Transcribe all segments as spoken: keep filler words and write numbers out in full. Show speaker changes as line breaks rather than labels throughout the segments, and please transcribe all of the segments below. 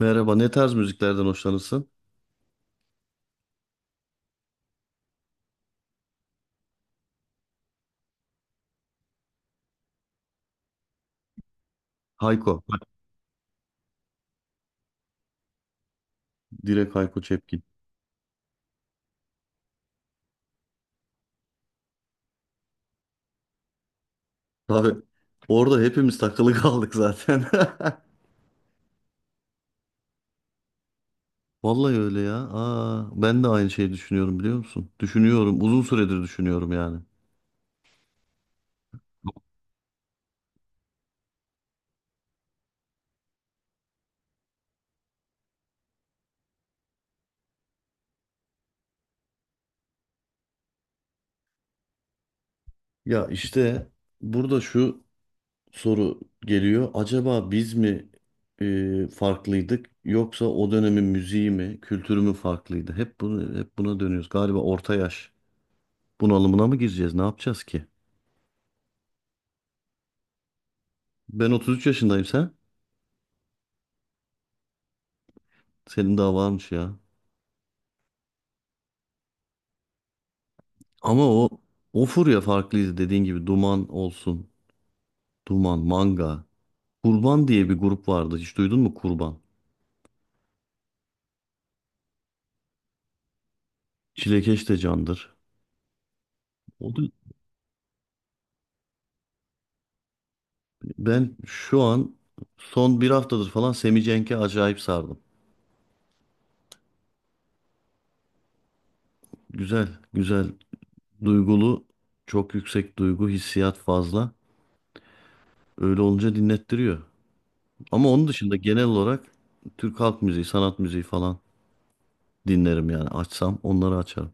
Merhaba, ne tarz müziklerden hoşlanırsın? Hayko, bak direkt Hayko Cepkin. Tabii orada hepimiz takılı kaldık zaten. Vallahi öyle ya. Aa, ben de aynı şeyi düşünüyorum biliyor musun? Düşünüyorum, uzun süredir düşünüyorum yani. Ya işte burada şu soru geliyor. Acaba biz mi e, farklıydık yoksa o dönemin müziği mi, kültürü mü farklıydı? Hep bunu hep buna dönüyoruz. Galiba orta yaş bunalımına mı gireceğiz? Ne yapacağız ki? Ben otuz üç yaşındayım, sen? Senin daha varmış ya. Ama o o furya farklıydı dediğin gibi Duman olsun. Duman, Manga. Kurban diye bir grup vardı. Hiç duydun mu Kurban? Çilekeş de candır. O da ben şu an son bir haftadır falan Semi Cenk'e acayip sardım. Güzel, güzel, duygulu, çok yüksek duygu, hissiyat fazla. Öyle olunca dinlettiriyor. Ama onun dışında genel olarak Türk halk müziği, sanat müziği falan dinlerim yani açsam onları açarım.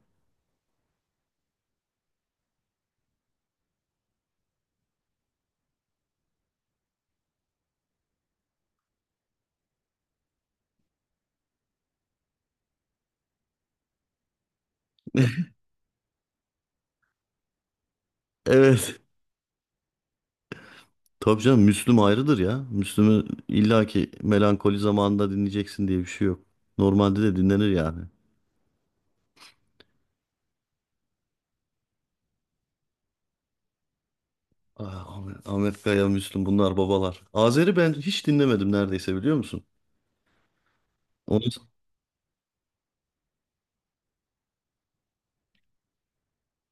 Evet. Tabii canım, Müslüm ayrıdır ya. Müslüm'ü illaki melankoli zamanında dinleyeceksin diye bir şey yok. Normalde de dinlenir yani. Ah, Ahmet, Ahmet Kaya, Müslüm bunlar babalar. Azer'i ben hiç dinlemedim neredeyse, biliyor musun? Onu...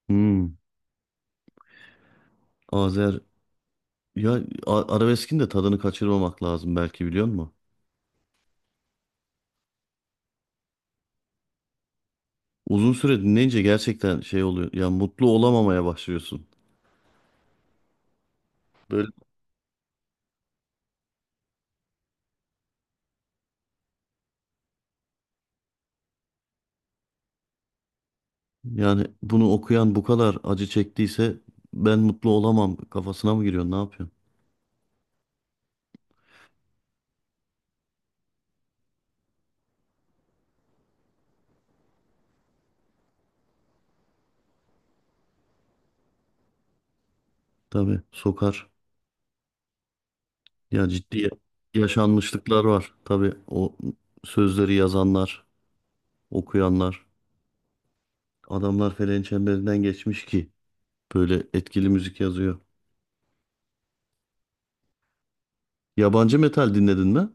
Hmm, Azer ya a- arabeskin de tadını kaçırmamak lazım belki, biliyor musun? Uzun süre dinleyince gerçekten şey oluyor. Ya mutlu olamamaya başlıyorsun. Böyle yani, bunu okuyan bu kadar acı çektiyse ben mutlu olamam kafasına mı giriyorsun? Ne yapıyorsun? Tabii sokar. Ya ciddi yaşanmışlıklar var. Tabii o sözleri yazanlar, okuyanlar, adamlar feleğin çemberinden geçmiş ki böyle etkili müzik yazıyor. Yabancı metal dinledin mi?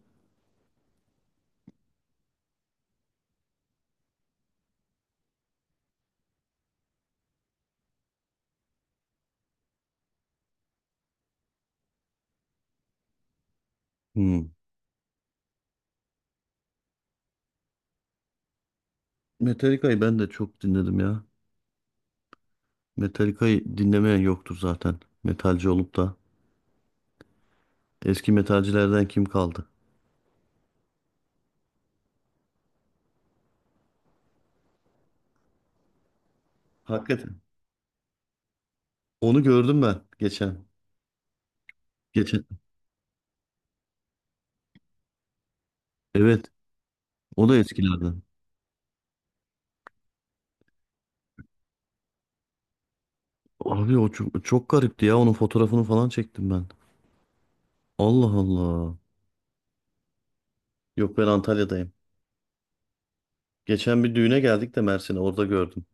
Hmm. Metallica'yı ben de çok dinledim ya. Metallica'yı dinlemeyen yoktur zaten. Metalci olup da. Eski metalcilerden kim kaldı? Hakikaten. Onu gördüm ben geçen. Geçen. Evet. O da eskilerden. Abi o çok, çok garipti ya. Onun fotoğrafını falan çektim ben. Allah Allah. Yok, ben Antalya'dayım. Geçen bir düğüne geldik de Mersin'e, orada gördüm.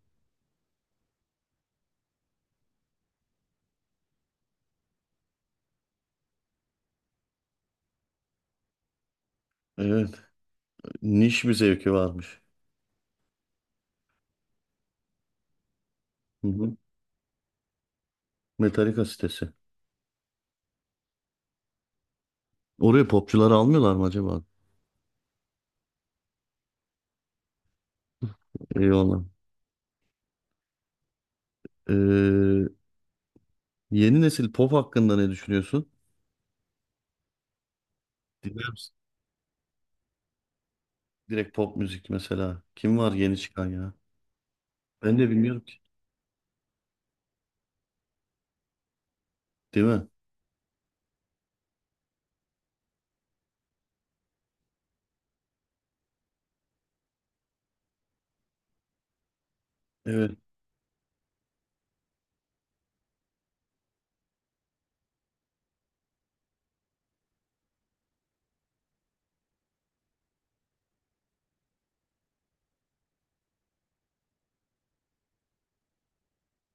Evet. Niş bir zevki varmış. Hı hı. Metallica sitesi. Oraya popçuları almıyorlar mı acaba? Eyvallah. Ee, Yeni nesil pop hakkında ne düşünüyorsun? Dinler misin? Direkt pop müzik mesela. Kim var yeni çıkan ya? Ben de bilmiyorum ki. Değil mi? Evet.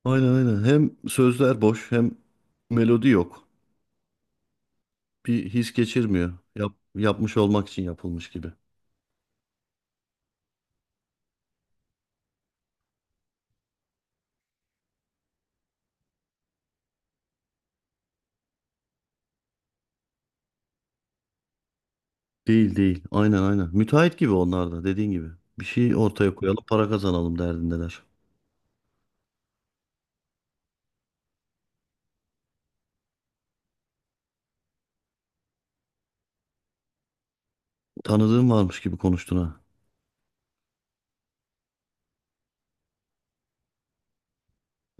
Aynen aynen. Hem sözler boş hem melodi yok. Bir his geçirmiyor. Yap, yapmış olmak için yapılmış gibi. Değil değil. Aynen aynen. Müteahhit gibi onlar da dediğin gibi. Bir şey ortaya koyalım para kazanalım derdindeler. Tanıdığın varmış gibi konuştun ha.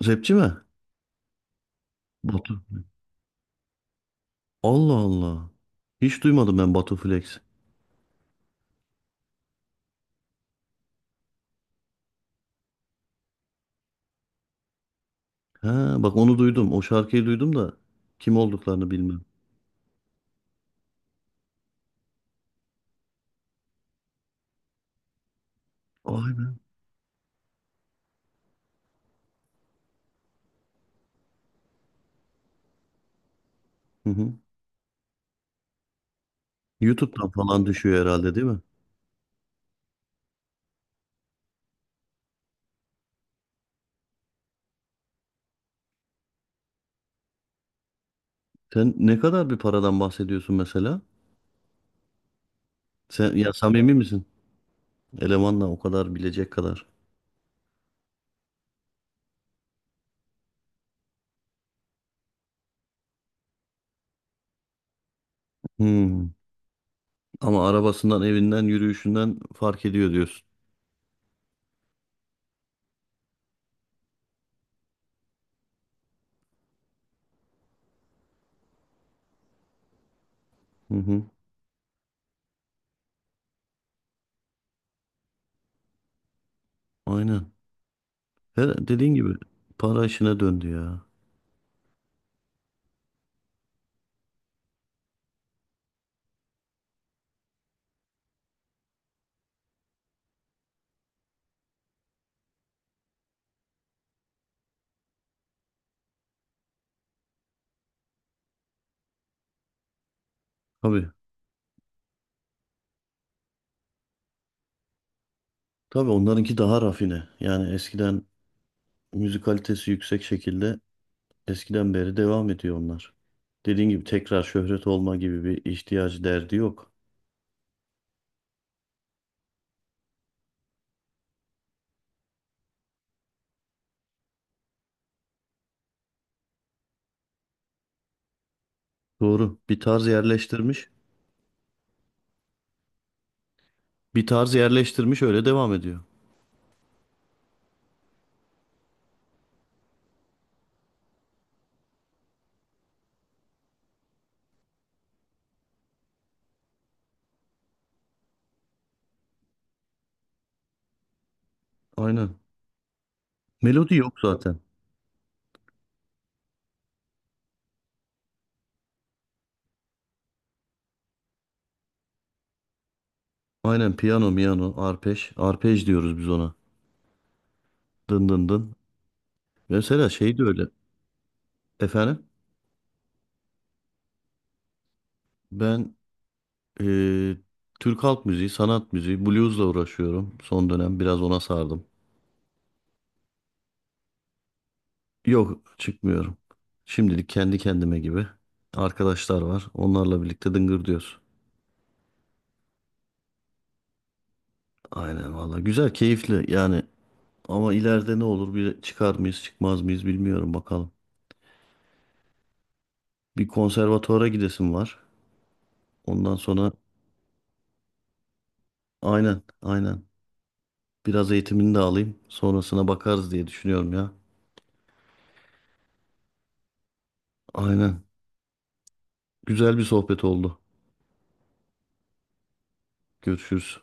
Rapçi mi? Batu. Allah Allah. Hiç duymadım ben Batu Flex. Ha bak, onu duydum. O şarkıyı duydum da kim olduklarını bilmem. Aynen. Hı hı. YouTube'dan falan düşüyor herhalde, değil mi? Sen ne kadar bir paradan bahsediyorsun mesela? Sen ya samimi misin? Elemanla o kadar bilecek kadar. Hmm. Ama arabasından, evinden, yürüyüşünden fark ediyor diyorsun. Hı hı. Aynen. Her dediğin gibi para işine döndü ya. Tabii. Tabii onlarınki daha rafine. Yani eskiden müzik kalitesi yüksek şekilde eskiden beri devam ediyor onlar. Dediğin gibi tekrar şöhret olma gibi bir ihtiyacı derdi yok. Doğru. Bir tarz yerleştirmiş. Bir tarz yerleştirmiş öyle devam ediyor. Aynen. Melodi yok zaten. Aynen piyano, miyano, arpej. Arpej diyoruz biz ona. Dın dın dın. Mesela şey de öyle. Efendim? Ben Ee, Türk halk müziği, sanat müziği, bluesla uğraşıyorum. Son dönem biraz ona sardım. Yok, çıkmıyorum. Şimdilik kendi kendime gibi. Arkadaşlar var. Onlarla birlikte dıngır diyoruz. Aynen valla. Güzel, keyifli yani. Ama ileride ne olur? Bir çıkar mıyız, çıkmaz mıyız bilmiyorum bakalım. Bir konservatuvara gidesim var. Ondan sonra aynen, aynen. Biraz eğitimini de alayım. Sonrasına bakarız diye düşünüyorum ya. Aynen. Güzel bir sohbet oldu. Görüşürüz.